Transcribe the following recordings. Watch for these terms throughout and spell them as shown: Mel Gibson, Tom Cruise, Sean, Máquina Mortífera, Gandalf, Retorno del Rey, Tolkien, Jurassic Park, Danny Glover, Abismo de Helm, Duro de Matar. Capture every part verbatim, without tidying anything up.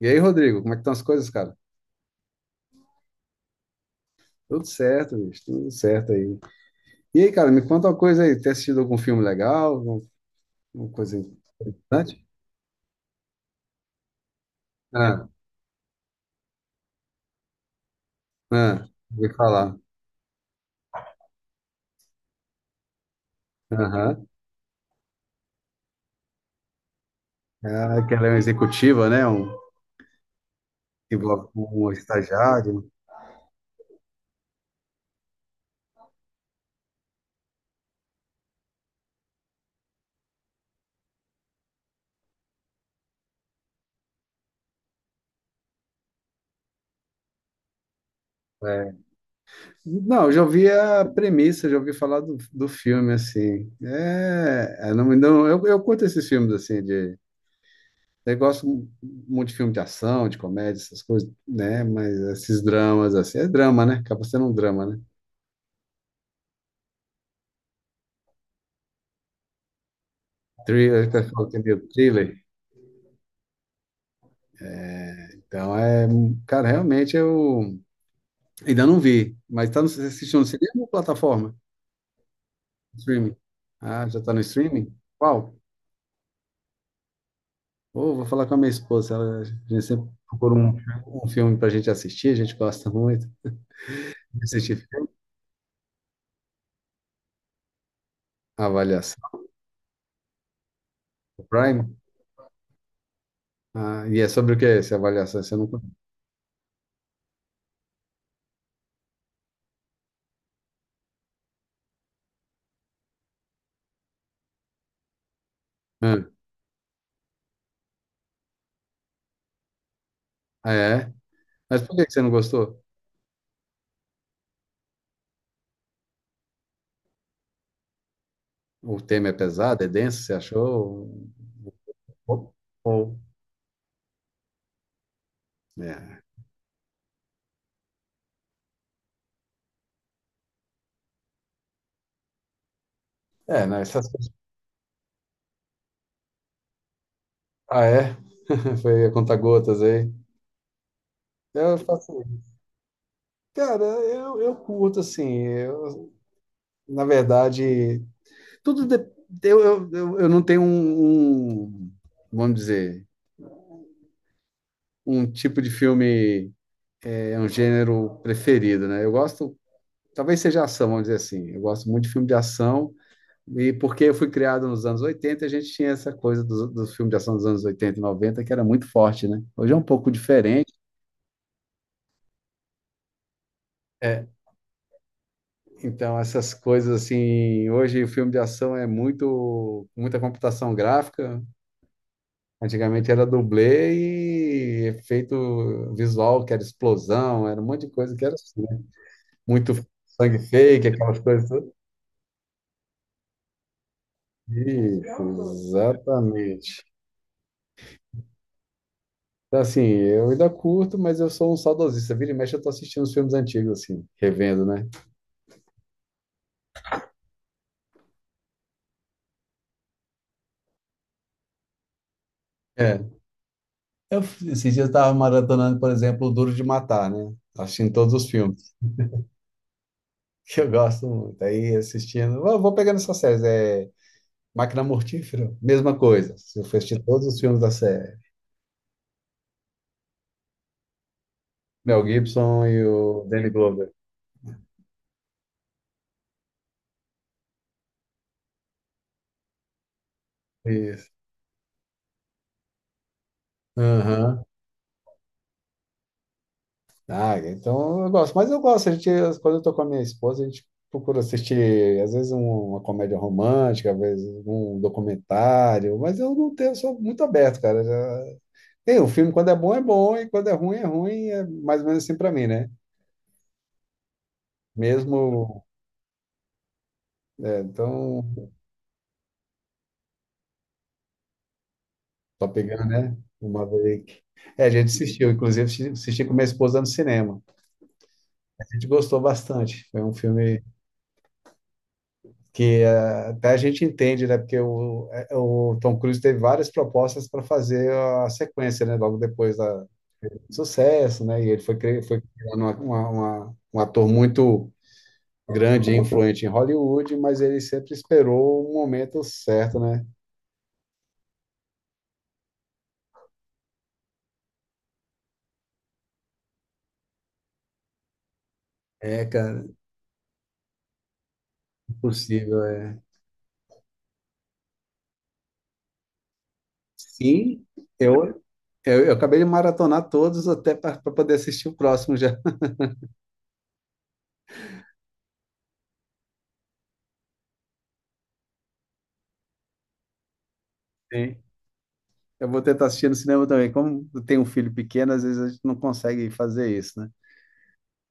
E aí, Rodrigo, como é que estão as coisas, cara? Tudo certo, bicho, tudo certo aí. E aí, cara, me conta uma coisa aí. Tem assistido algum filme legal? Alguma alguma coisa importante? Ah, ah, vou falar. Aham. Ah, que ela é uma executiva, né? Um, que envolve um estagiário. É. Não, eu já ouvi a premissa, já ouvi falar do, do filme, assim. É, é, não, não, eu, eu curto esses filmes, assim. Eu gosto muito de filme de ação, de comédia, essas coisas, né? Mas esses dramas, assim, é drama, né? Acaba sendo um drama, né? Thriller, que eu falo que é meio thriller. Então, é, cara, realmente eu ainda não vi, mas tá no, você assistiu no cinema ou plataforma? Streaming. Ah, já tá no streaming? Qual? Ô, vou falar com a minha esposa, ela, a gente sempre procura um, um filme pra gente assistir, a gente gosta muito de assistir filme. Avaliação do Prime. Ah, e é sobre o que é essa avaliação? Você não... Ah, é? Mas por que que você não gostou? O tema é pesado, é denso, você achou? Ou, ou- É. É, não, essas... Ah, é? Foi a conta-gotas aí. Eu faço... Cara, eu, eu curto, assim, eu, na verdade, tudo de- eu, eu, eu eu não tenho um, um, vamos dizer, um tipo de filme, é um gênero preferido, né? Eu gosto, talvez seja ação, vamos dizer assim, eu gosto muito de filme de ação. E porque eu fui criado nos anos oitenta, a gente tinha essa coisa dos, dos filmes de ação dos anos oitenta, e noventa, que era muito forte, né? Hoje é um pouco diferente. É, então, essas coisas assim, hoje o filme de ação é muito, muita computação gráfica. Antigamente era dublê e efeito visual, que era explosão, era um monte de coisa que era assim, né? Muito sangue fake, aquelas coisas todas. Isso, exatamente. Então, assim, eu ainda curto, mas eu sou um saudosista. Vira e mexe, eu tô assistindo os filmes antigos, assim, revendo, né? É. Eu, esses dias eu tava maratonando, por exemplo, o Duro de Matar, né? Assistindo todos os filmes, que eu gosto muito. Aí assistindo. Eu vou pegando essas séries. É Máquina Mortífera, mesma coisa. Se Eu fui assistir todos os filmes da série. Mel Gibson e o Danny Glover. Isso. Aham. Ah, então eu gosto. Mas eu gosto. A gente, quando eu tô com a minha esposa, a gente procura assistir, às vezes, um- uma comédia romântica, às vezes, um documentário. Mas eu não tenho, eu sou muito aberto, cara. Já... Tem, o filme, quando é bom, é bom, e quando é ruim, é ruim. É mais ou menos assim pra mim, né? Mesmo. É, então, só pegando, né? Uma vez. É, a gente assistiu, inclusive, assisti assisti com minha esposa no cinema. A gente gostou bastante. Foi um filme que, eh, até a gente entende, né? Porque o, eh, o Tom Cruise teve várias propostas para fazer a sequência, né? Logo depois da do sucesso, né? E ele foi cri- foi criando uma, uma, uma- um ator muito grande e influente em Hollywood, mas ele sempre esperou o momento certo, né? É, cara, impossível, é. Sim, eu, eu, eu acabei de maratonar todos até para poder assistir o próximo já. Sim. Eu vou tentar assistir no cinema também. Como eu tenho um filho pequeno, às vezes a gente não consegue fazer isso, né?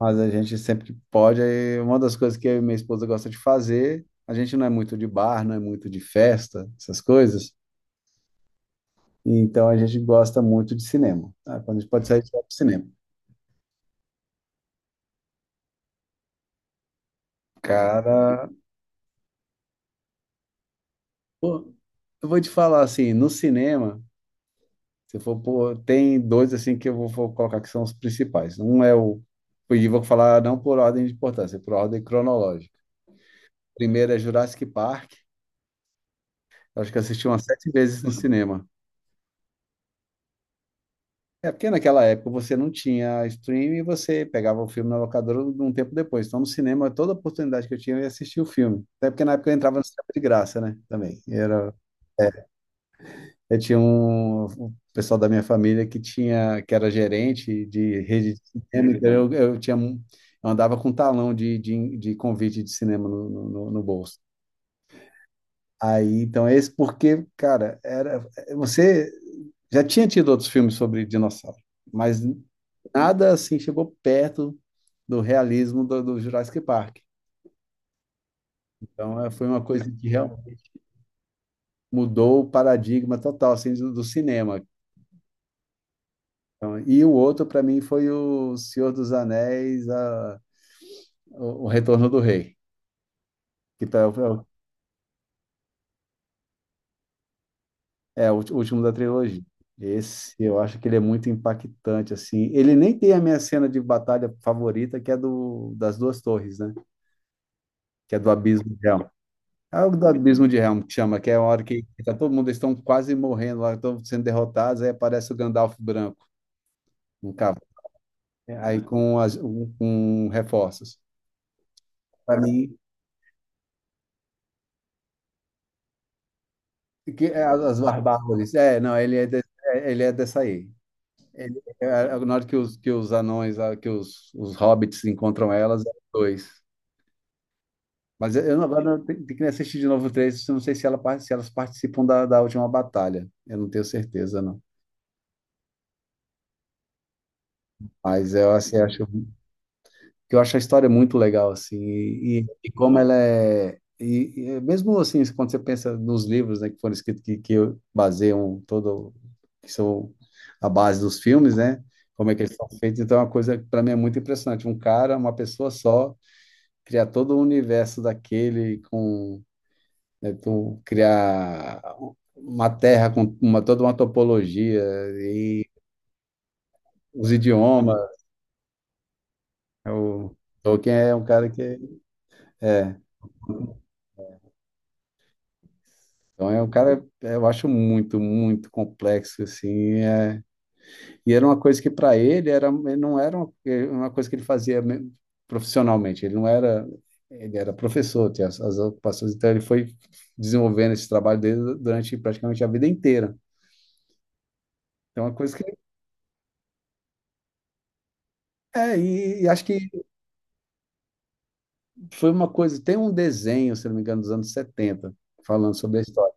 Mas a gente sempre que pode, aí uma das coisas que eu e minha esposa gosta de fazer, a gente não é muito de bar, não é muito de festa, essas coisas, então a gente gosta muito de cinema, tá? Quando a gente pode sair, a gente vai pro cinema. Cara, pô, eu vou te falar assim, no cinema, se for, pô, tem dois assim que eu vou, vou, colocar que são os principais. Um é o, e vou falar não por ordem de importância, é por ordem cronológica. Primeiro é Jurassic Park, acho que eu assisti umas sete vezes no cinema. É porque naquela época você não tinha streaming e você pegava o filme na locadora um tempo depois. Então, no cinema, toda oportunidade que eu tinha, eu ia assistir o filme. Até porque na época eu entrava no cinema de graça, né? Também. Era, é, eu tinha um, um pessoal da minha família que tinha, que era gerente de rede de cinema, então eu, eu tinha, um- eu andava com um talão de, de, de convite de cinema no, no, no no bolso. Aí, então, é esse porque, cara, era, você já tinha tido outros filmes sobre dinossauro, mas nada assim chegou perto do realismo do, do Jurassic Park. Então, eh, foi uma coisa que realmente mudou o paradigma total assim do, do cinema. Então, e o outro para mim foi o Senhor dos Anéis, a- o, o Retorno do Rei, que tá, é, o ulti- último da trilogia. Esse, eu acho que ele é muito impactante, assim. Ele nem tem a minha cena de batalha favorita, que é do, das duas torres, né? Que é do Abismo de Helm. É o do Abismo de Helm que chama, que é a hora que tá todo mundo, eles estão quase morrendo lá, estão sendo derrotados, aí aparece o Gandalf branco, um cavalo, aí com, as, um, com reforços. Para mim, que é as, as barbáries. É, não, ele é, de- é, ele é dessa aí. É, é, na hora que os, que os anões, ah, que os, os hobbits encontram elas, é dois. Mas eu eu não- agora tem tem que assistir de novo o três, eu não sei se, ela, par- se elas participam da, da última batalha. Eu não tenho certeza, não. Mas eu assim, acho que eu acho a história muito legal, assim, e, e- e como ela é. E, e é mesmo assim, quando você pensa nos livros, né, que foram escritos que, que baseiam todo, que são a base dos filmes, né? Como é que eles são feitos, então é uma coisa que para mim é muito impressionante. Um cara, uma pessoa só, criar todo o universo daquele com, né? Tu criar uma terra com uma, toda uma topologia e os idiomas. É. O Tolkien é um cara que é, então é um cara eu acho muito, muito complexo assim. É. E era uma coisa que para ele era, ele não era uma, uma coisa que ele fazia me- profissionalmente. Ele não era, ele era professor, tinha as, as ocupações, então ele foi desenvolvendo esse trabalho dele durante praticamente a vida inteira. Então, é uma coisa que. É, e, e acho que foi uma coisa, tem um desenho, se não me engano, dos anos setenta falando sobre a história.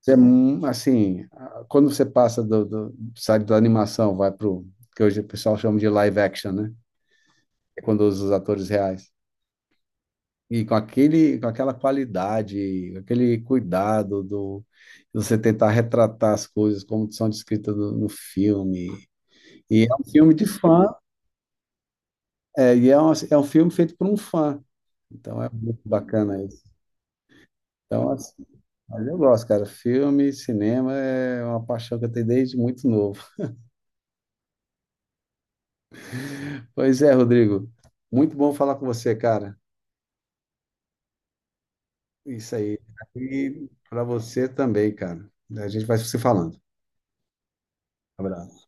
Isso. É, mu- assim, a- quando você passa do, do, sai da animação, vai pro que hoje o pessoal chama de live action, né? É quando usa os atores reais. E com aquele, com aquela qualidade, aquele cuidado do de você tentar retratar as coisas como são descritas no, no filme. E é um filme de fã, é, e é um, é um, filme feito por um fã. Então é muito bacana. Então, assim, mas eu gosto, cara. Filme, cinema é uma paixão que eu tenho desde muito novo. Pois é, Rodrigo. Muito bom falar com você, cara. Isso aí. E para você também, cara. A gente vai se falando. Abraço.